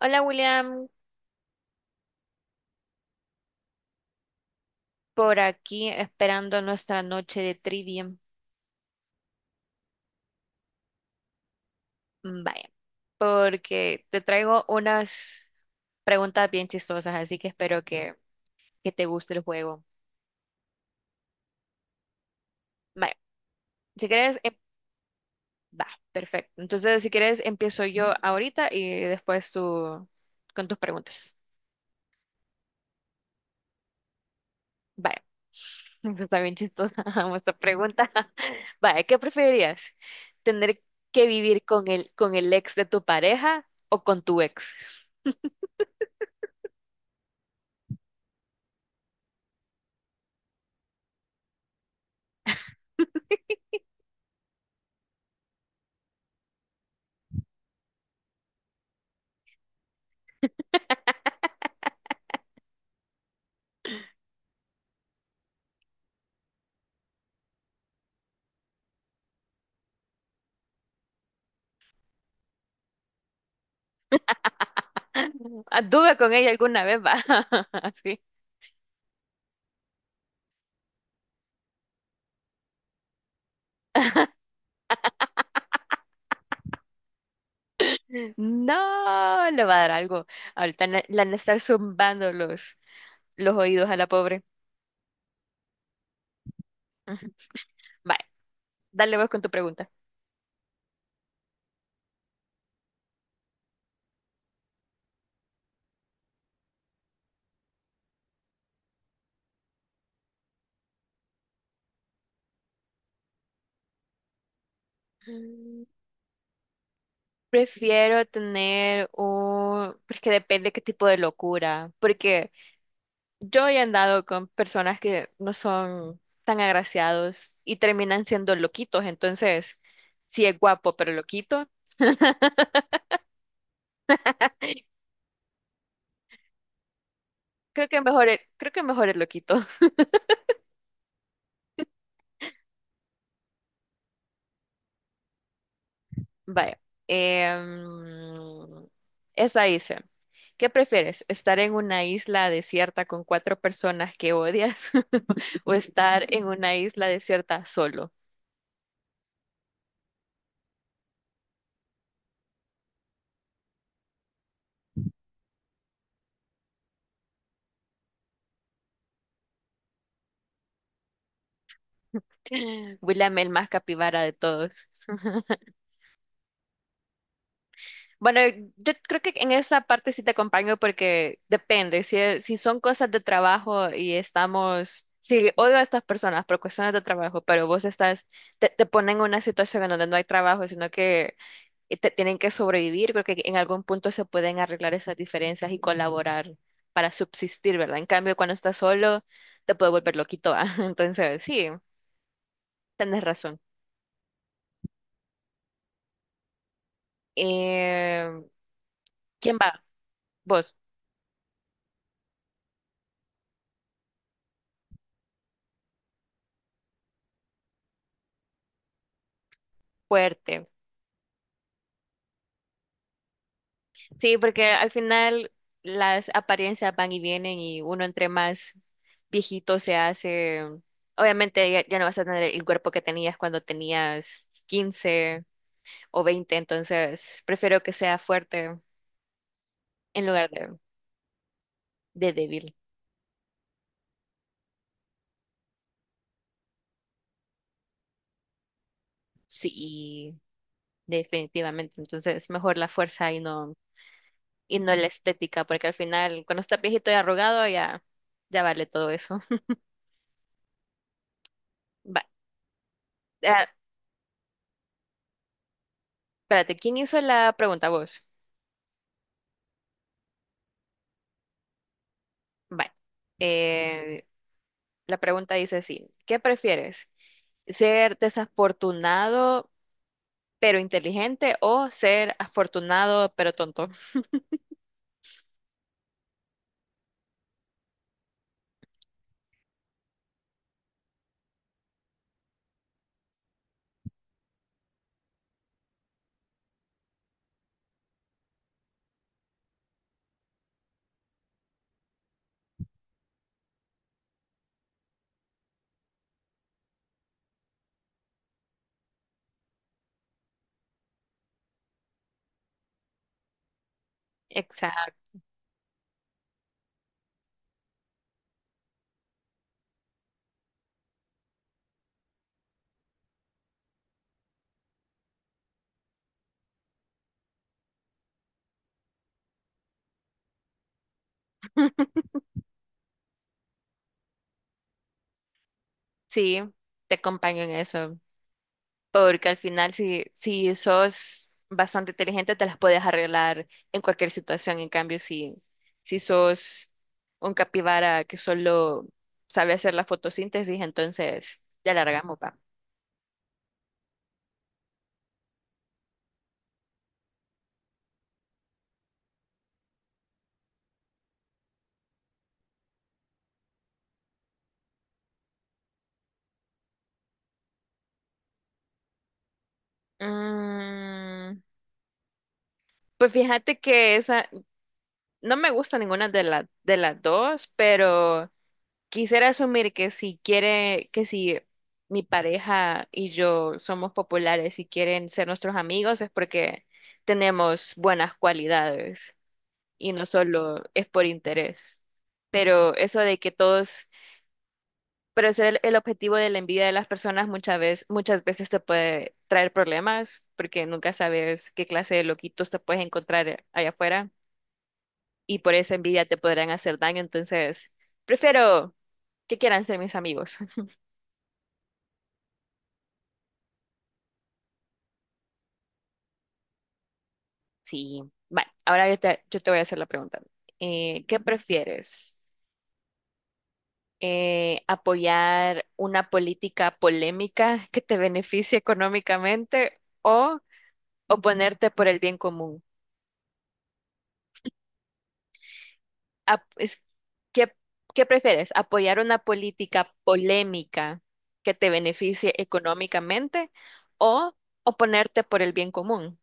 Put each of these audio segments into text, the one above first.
Hola William, por aquí esperando nuestra noche de trivia. Mm, vaya, porque te traigo unas preguntas bien chistosas, así que espero que te guste el juego. Vaya, si quieres, va, perfecto. Entonces, si quieres, empiezo yo ahorita y después tú con tus preguntas. Vaya, esta está bien chistosa esta pregunta. Vaya, ¿qué preferirías? ¿Tener que vivir con el ex de tu pareja o con tu ex? Anduve con ella alguna vez, va. Así. No, le va a dar algo. Ahorita le han de estar zumbando los oídos a la pobre. Ujú. Vale, dale vos con tu pregunta. Mm, prefiero tener un... Porque depende qué tipo de locura. Porque yo he andado con personas que no son tan agraciados y terminan siendo loquitos. Entonces, si es guapo pero loquito, creo que creo que mejor el loquito. Vaya. em, esta dice, ¿qué prefieres? ¿Estar en una isla desierta con cuatro personas que odias o estar en una isla desierta solo? William el más capibara de todos. Bueno, yo creo que en esa parte sí te acompaño porque depende, si, es- si son cosas de trabajo y si odio a estas personas por cuestiones de trabajo, pero vos estás, te ponen en una situación en donde no hay trabajo, sino que tienen que sobrevivir. Creo que en algún punto se pueden arreglar esas diferencias y colaborar para subsistir, ¿verdad? En cambio, cuando estás solo, te puede volver loquito, ¿va? Entonces, sí, tenés razón. Eh, ¿Quién va? Vos, fuerte. Sí, porque al final las apariencias van y vienen y uno entre más viejito se hace, obviamente ya no vas a tener el cuerpo que tenías cuando tenías 15 o veinte, entonces prefiero que sea fuerte en lugar de débil, sí, definitivamente. Entonces, mejor la fuerza y y no la estética, porque al final, cuando estás viejito y arrugado, ya vale todo eso. Va. ah, espérate, ¿quién hizo la pregunta? Vos. Vale. Eh, la pregunta dice así, ¿qué prefieres? ¿Ser desafortunado pero inteligente o ser afortunado pero tonto? Exacto. Sí, te acompaño en eso. Porque al final, si sos bastante inteligente, te las puedes arreglar en cualquier situación. En cambio, si sos un capibara que solo sabe hacer la fotosíntesis, entonces ya largamos, va. Mm, pues fíjate que no me gusta ninguna de, de las dos, pero quisiera asumir que si quiere, que si mi pareja y yo somos populares y quieren ser nuestros amigos es porque tenemos buenas cualidades y no solo es por interés. Pero eso de que todos, pero ese el objetivo de la envidia de las personas muchas veces te puede traer problemas porque nunca sabes qué clase de loquitos te puedes encontrar allá afuera y por esa envidia te podrán hacer daño. Entonces, prefiero que quieran ser mis amigos. Sí, vale. Ahora yo te voy a hacer la pregunta. ¿Qué prefieres? ¿Apoyar una política polémica que te beneficie económicamente o oponerte por el bien común? Ap- es- ¿qué, qué prefieres? ¿Apoyar una política polémica que te beneficie económicamente o oponerte por el bien común?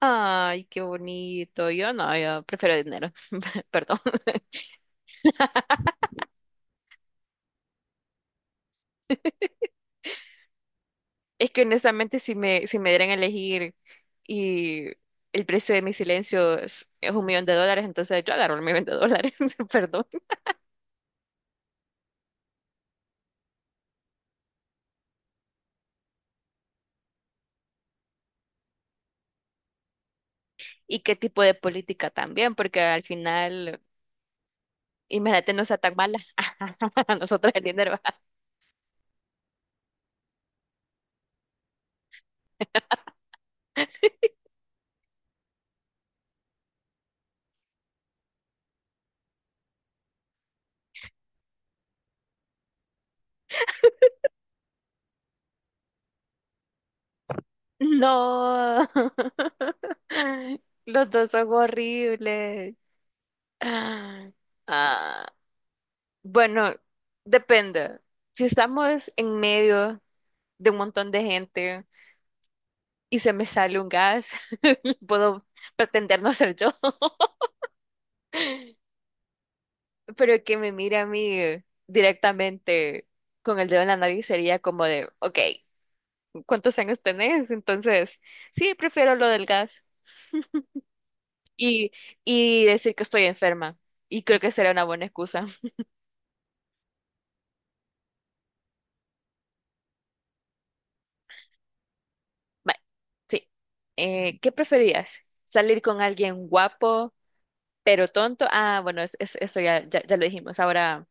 Ay, qué bonito. Yo no, yo prefiero dinero. Perdón. Es que honestamente si me dieran a elegir y el precio de mi silencio es un millón de dólares, entonces yo agarro el millón de dólares, perdón. ¿Y qué tipo de política también? Porque al final, imagínate, no sea tan mala. Nosotros el dinero. No. Los dos son horribles. Ah, ah, bueno, depende. Si estamos en medio de un montón de gente y se me sale un gas, puedo pretender no ser yo, pero que me mire a mí directamente con el dedo en la nariz sería como de, ok, ¿cuántos años tenés? Entonces, sí, prefiero lo del gas y, y decir que estoy enferma. Y creo que será una buena excusa. Vale, sí. ¿Qué preferías? ¿Salir con alguien guapo pero tonto? Ah, bueno, eso ya lo dijimos. Ahora...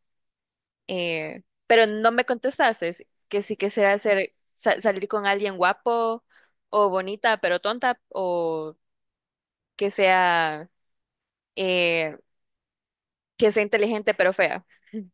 pero no me contestaste que si quisiera salir con alguien guapo o bonita pero tonta o que sea, eh, que sea inteligente pero fea.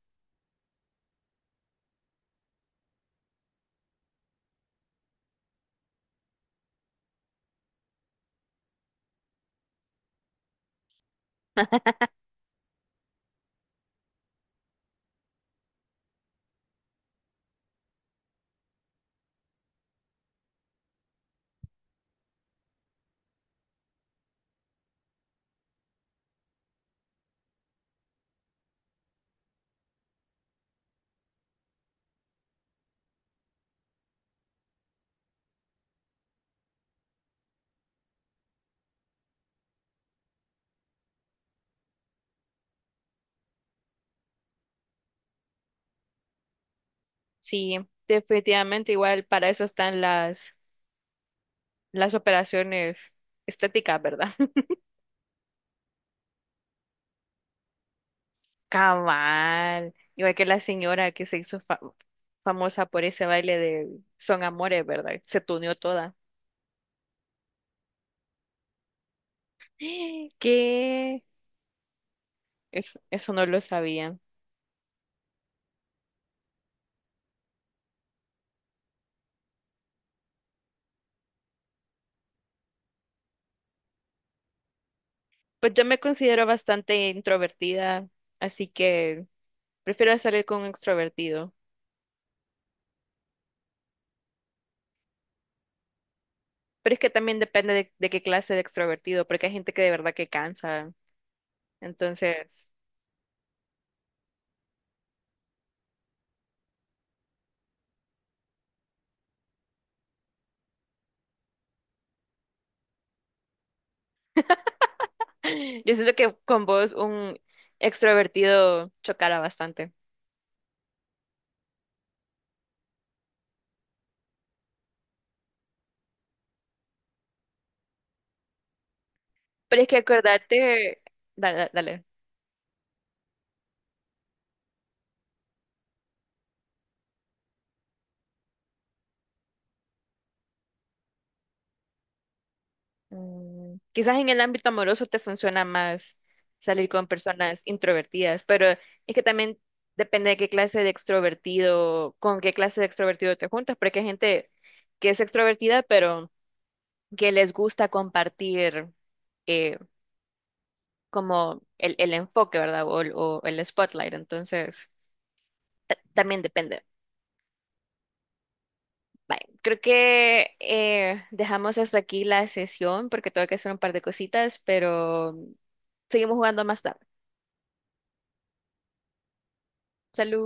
Sí, definitivamente igual para eso están las operaciones estéticas, ¿verdad? Cabal, igual que la señora que se hizo famosa por ese baile de Son Amores, ¿verdad? Se tuneó toda. ¿Qué? Eso no lo sabía. Pues yo me considero bastante introvertida, así que prefiero salir con un extrovertido. Pero es que también depende de qué clase de extrovertido, porque hay gente que de verdad que cansa. Entonces, yo siento que con vos un extrovertido chocara bastante. Pero es que acordate, dale, dale. Mm, quizás en el ámbito amoroso te funciona más salir con personas introvertidas, pero es que también depende de qué clase de extrovertido, con qué clase de extrovertido te juntas, porque hay gente que es extrovertida, pero que les gusta compartir eh, como el enfoque, ¿verdad? O el spotlight, entonces también depende. Bye. Creo que dejamos hasta aquí la sesión porque tengo que hacer un par de cositas, pero seguimos jugando más tarde. Salud.